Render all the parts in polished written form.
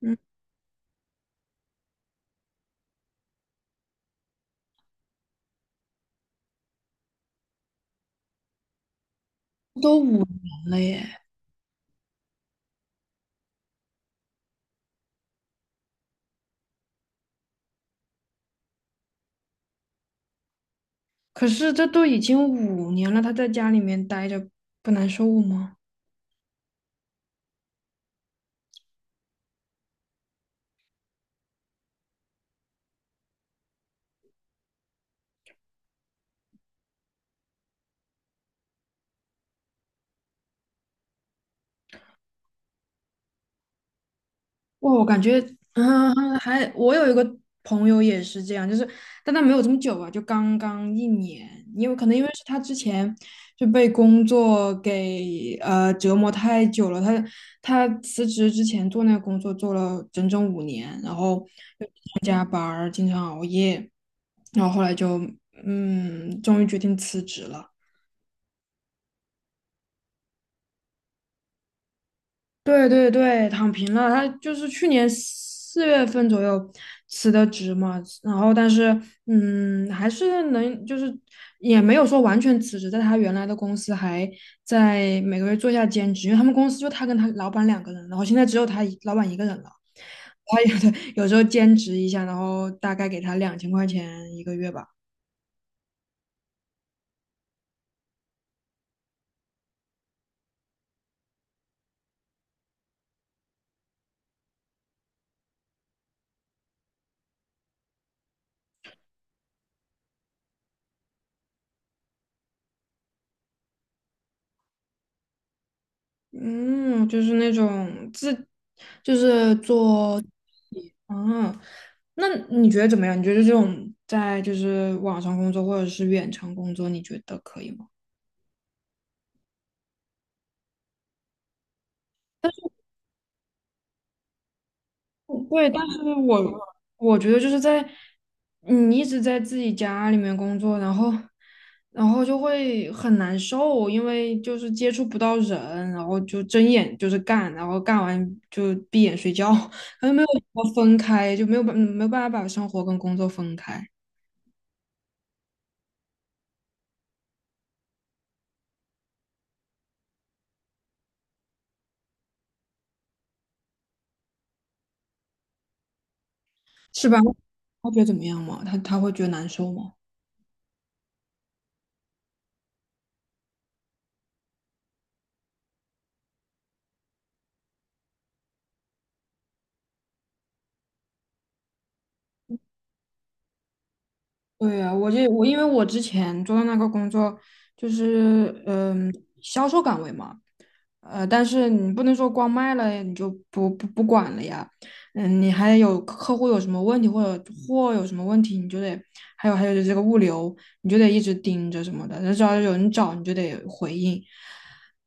嗯，都5年了耶，可是这都已经五年了，他在家里面待着不难受吗？哇，我感觉 嗯，还我有一个朋友也是这样，就是但他没有这么久吧，就刚刚1年，因为可能因为是他之前就被工作给折磨太久了，他辞职之前做那个工作做了整整五年，然后又加班儿，经常熬夜，然后后来就终于决定辞职了。对对对，躺平了。他就是去年4月份左右辞的职嘛，然后但是还是能就是也没有说完全辞职，在他原来的公司还在每个月做一下兼职，因为他们公司就他跟他老板两个人，然后现在只有他老板一个人了。他有时候兼职一下，然后大概给他2000块钱一个月吧。嗯，就是那种自，就是做，嗯，那你觉得怎么样？你觉得这种在就是网上工作或者是远程工作，你觉得可以吗？对，但是我觉得就是在你一直在自己家里面工作，然后就会很难受，因为就是接触不到人，然后就睁眼就是干，然后干完就闭眼睡觉，然后没有办法分开，就没有办法把生活跟工作分开，是吧？他觉得怎么样嘛？他会觉得难受吗？对呀，我因为我之前做的那个工作就是销售岗位嘛。但是你不能说光卖了你就不管了呀，你还有客户有什么问题或者货有什么问题，你就得，还有这个物流，你就得一直盯着什么的，那只要有人找你就得回应，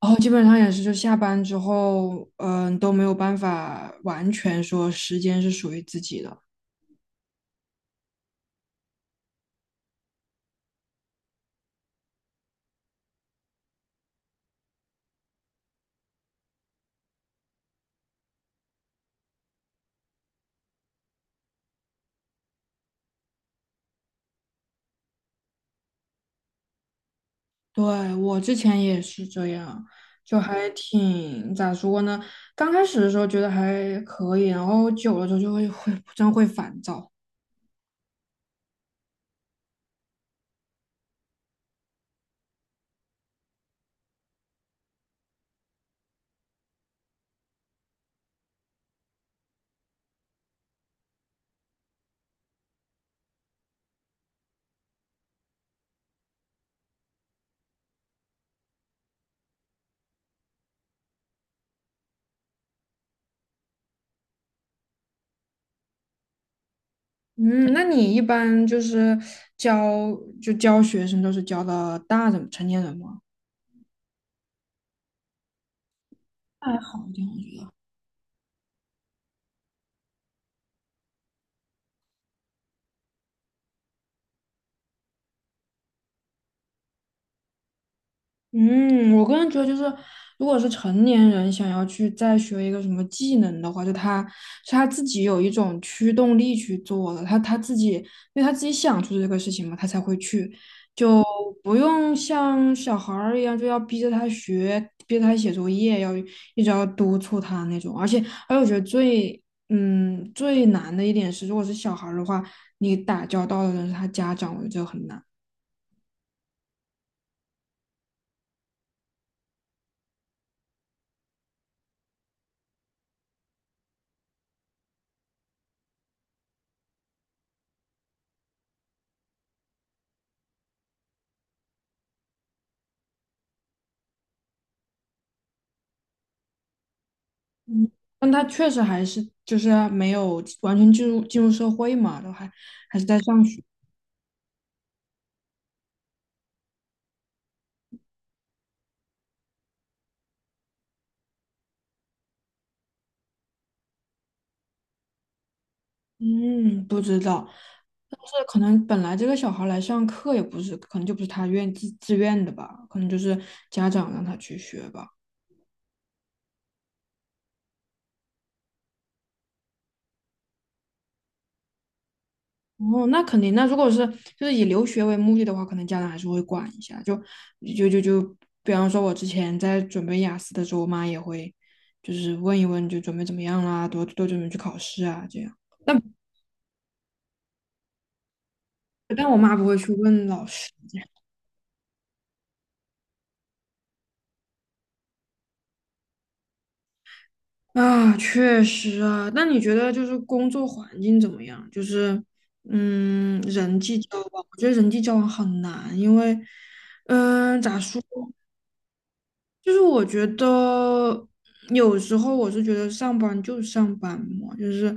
然后基本上也是就下班之后，都没有办法完全说时间是属于自己的。对，我之前也是这样，就还挺，咋说呢？刚开始的时候觉得还可以，然后久了之后就会真会烦躁。嗯，那你一般就是教教学生都是教的大人成年人吗？还好一点，我觉得。嗯，我个人觉得就是，如果是成年人想要去再学一个什么技能的话，就他是他自己有一种驱动力去做的，他自己因为他自己想出这个事情嘛，他才会去。不用像小孩儿一样，就要逼着他学，逼着他写作业，一直要督促他那种。而且，我觉得最难的一点是，如果是小孩儿的话，你打交道的人是他家长，我觉得这个很难。但他确实还是就是没有完全进入社会嘛，都还是在上学。嗯，不知道，但是可能本来这个小孩来上课也不是，可能就不是他自愿的吧，可能就是家长让他去学吧。哦，那肯定。那如果是就是以留学为目的的话，可能家长还是会管一下。就就就就，比方说，我之前在准备雅思的时候，我妈也会就是问一问，就准备怎么样啦，多多准备去考试啊，这样。但但我妈不会去问老师啊，确实啊。那你觉得就是工作环境怎么样？就是人际交往，我觉得人际交往很难，因为咋说？就是我觉得有时候我是觉得上班就上班嘛，就是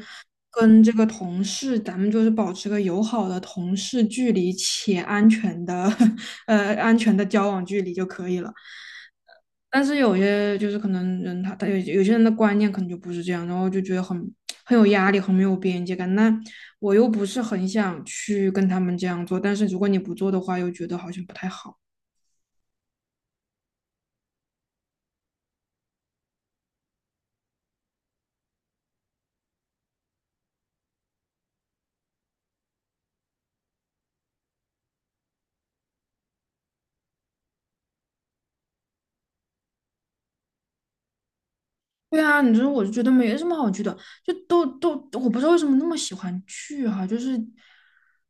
跟这个同事，咱们就是保持个友好的同事距离且安全的 安全的交往距离就可以了。但是有些就是可能人他有些人的观念可能就不是这样，然后就觉得很有压力，很没有边界感。那我又不是很想去跟他们这样做，但是如果你不做的话，又觉得好像不太好。对啊，你说我就觉得没什么好去的，就我不知道为什么那么喜欢去哈、就是，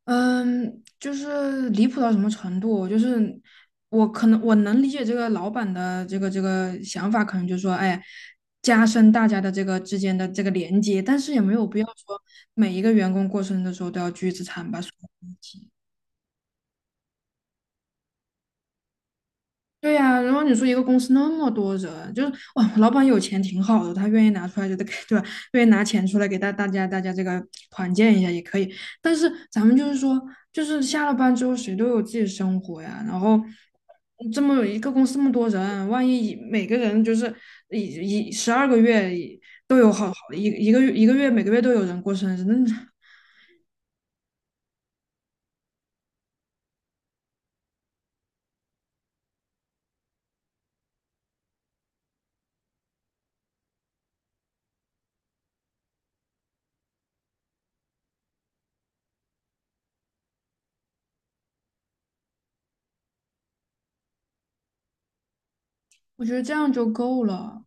就是离谱到什么程度，就是我可能我能理解这个老板的这个想法，可能就是说，哎，加深大家的这个之间的这个连接，但是也没有必要说每一个员工过生日的时候都要聚一次餐吧，所以一起对呀、然后你说一个公司那么多人，就是哇，老板有钱挺好的，他愿意拿出来就得给，对吧？愿意拿钱出来给大家这个团建一下也可以。但是咱们就是说，就是下了班之后谁都有自己的生活呀，然后这么一个公司那么多人，万一每个人就是一12个月都有好好一一个月一个月每个月都有人过生日，那我觉得这样就够了。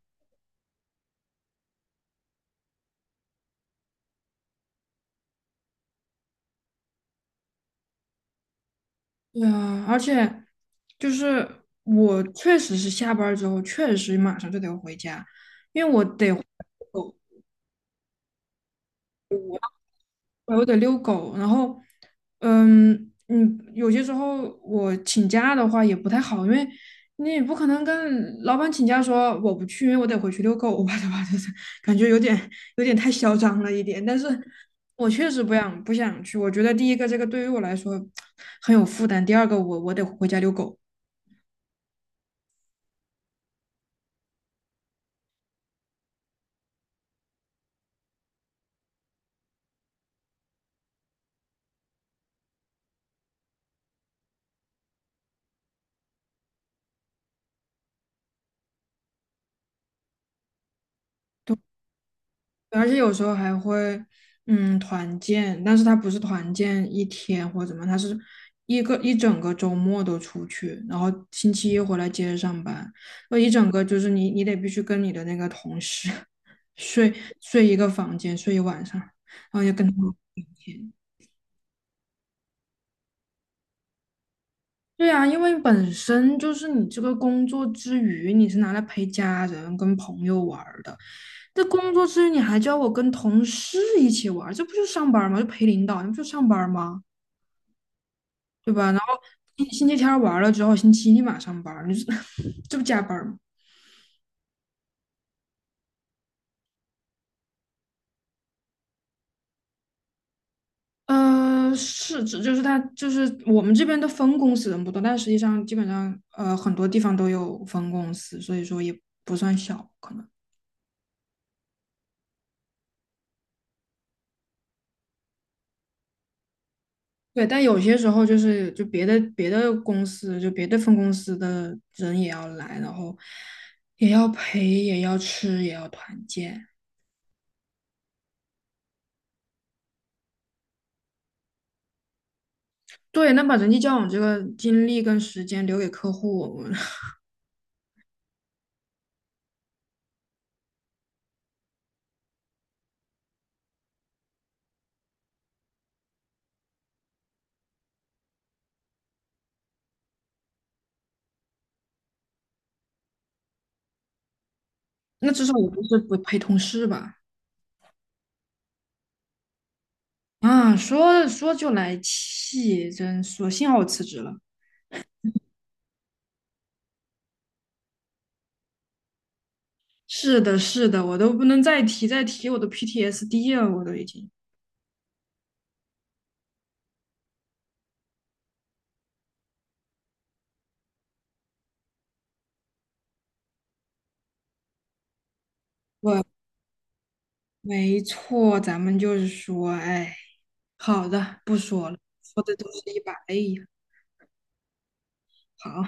对啊，而且就是我确实是下班儿之后，确实马上就得回家，我我得遛狗，然后，有些时候我请假的话也不太好，因为你也不可能跟老板请假说我不去，因为我得回去遛狗吧，对吧？就是感觉有点太嚣张了一点，但是我确实不想去，我觉得第一个这个对于我来说很有负担，第二个我得回家遛狗。而且有时候还会，团建，但是他不是团建一天或怎么，他是一整个周末都出去，然后星期一回来接着上班，那一整个就是你得必须跟你的那个同事 睡睡一个房间，睡一晚上，然后也跟他们聊天。对啊，因为本身就是你这个工作之余，你是拿来陪家人、跟朋友玩儿的，这工作之余你还叫我跟同事一起玩儿这不就上班儿吗？就陪领导，你不就上班儿吗？对吧？然后星期天儿玩儿了之后，星期一立马上班儿你这 这不加班儿吗？是，这就是他，就是我们这边的分公司人不多，但实际上基本上很多地方都有分公司，所以说也不算小可能。对，但有些时候就是就别的公司，就别的分公司的人也要来，然后也要陪，也要吃，也要团建。对，那把人际交往这个精力跟时间留给客户，那至少我不是不陪同事吧？啊，说说就来气，真说幸好我辞职了。是的，是的，我都不能再提，再提我都 PTSD 了，我都已经。没错，咱们就是说，哎，好的，不说了，说的都是一把泪呀。好。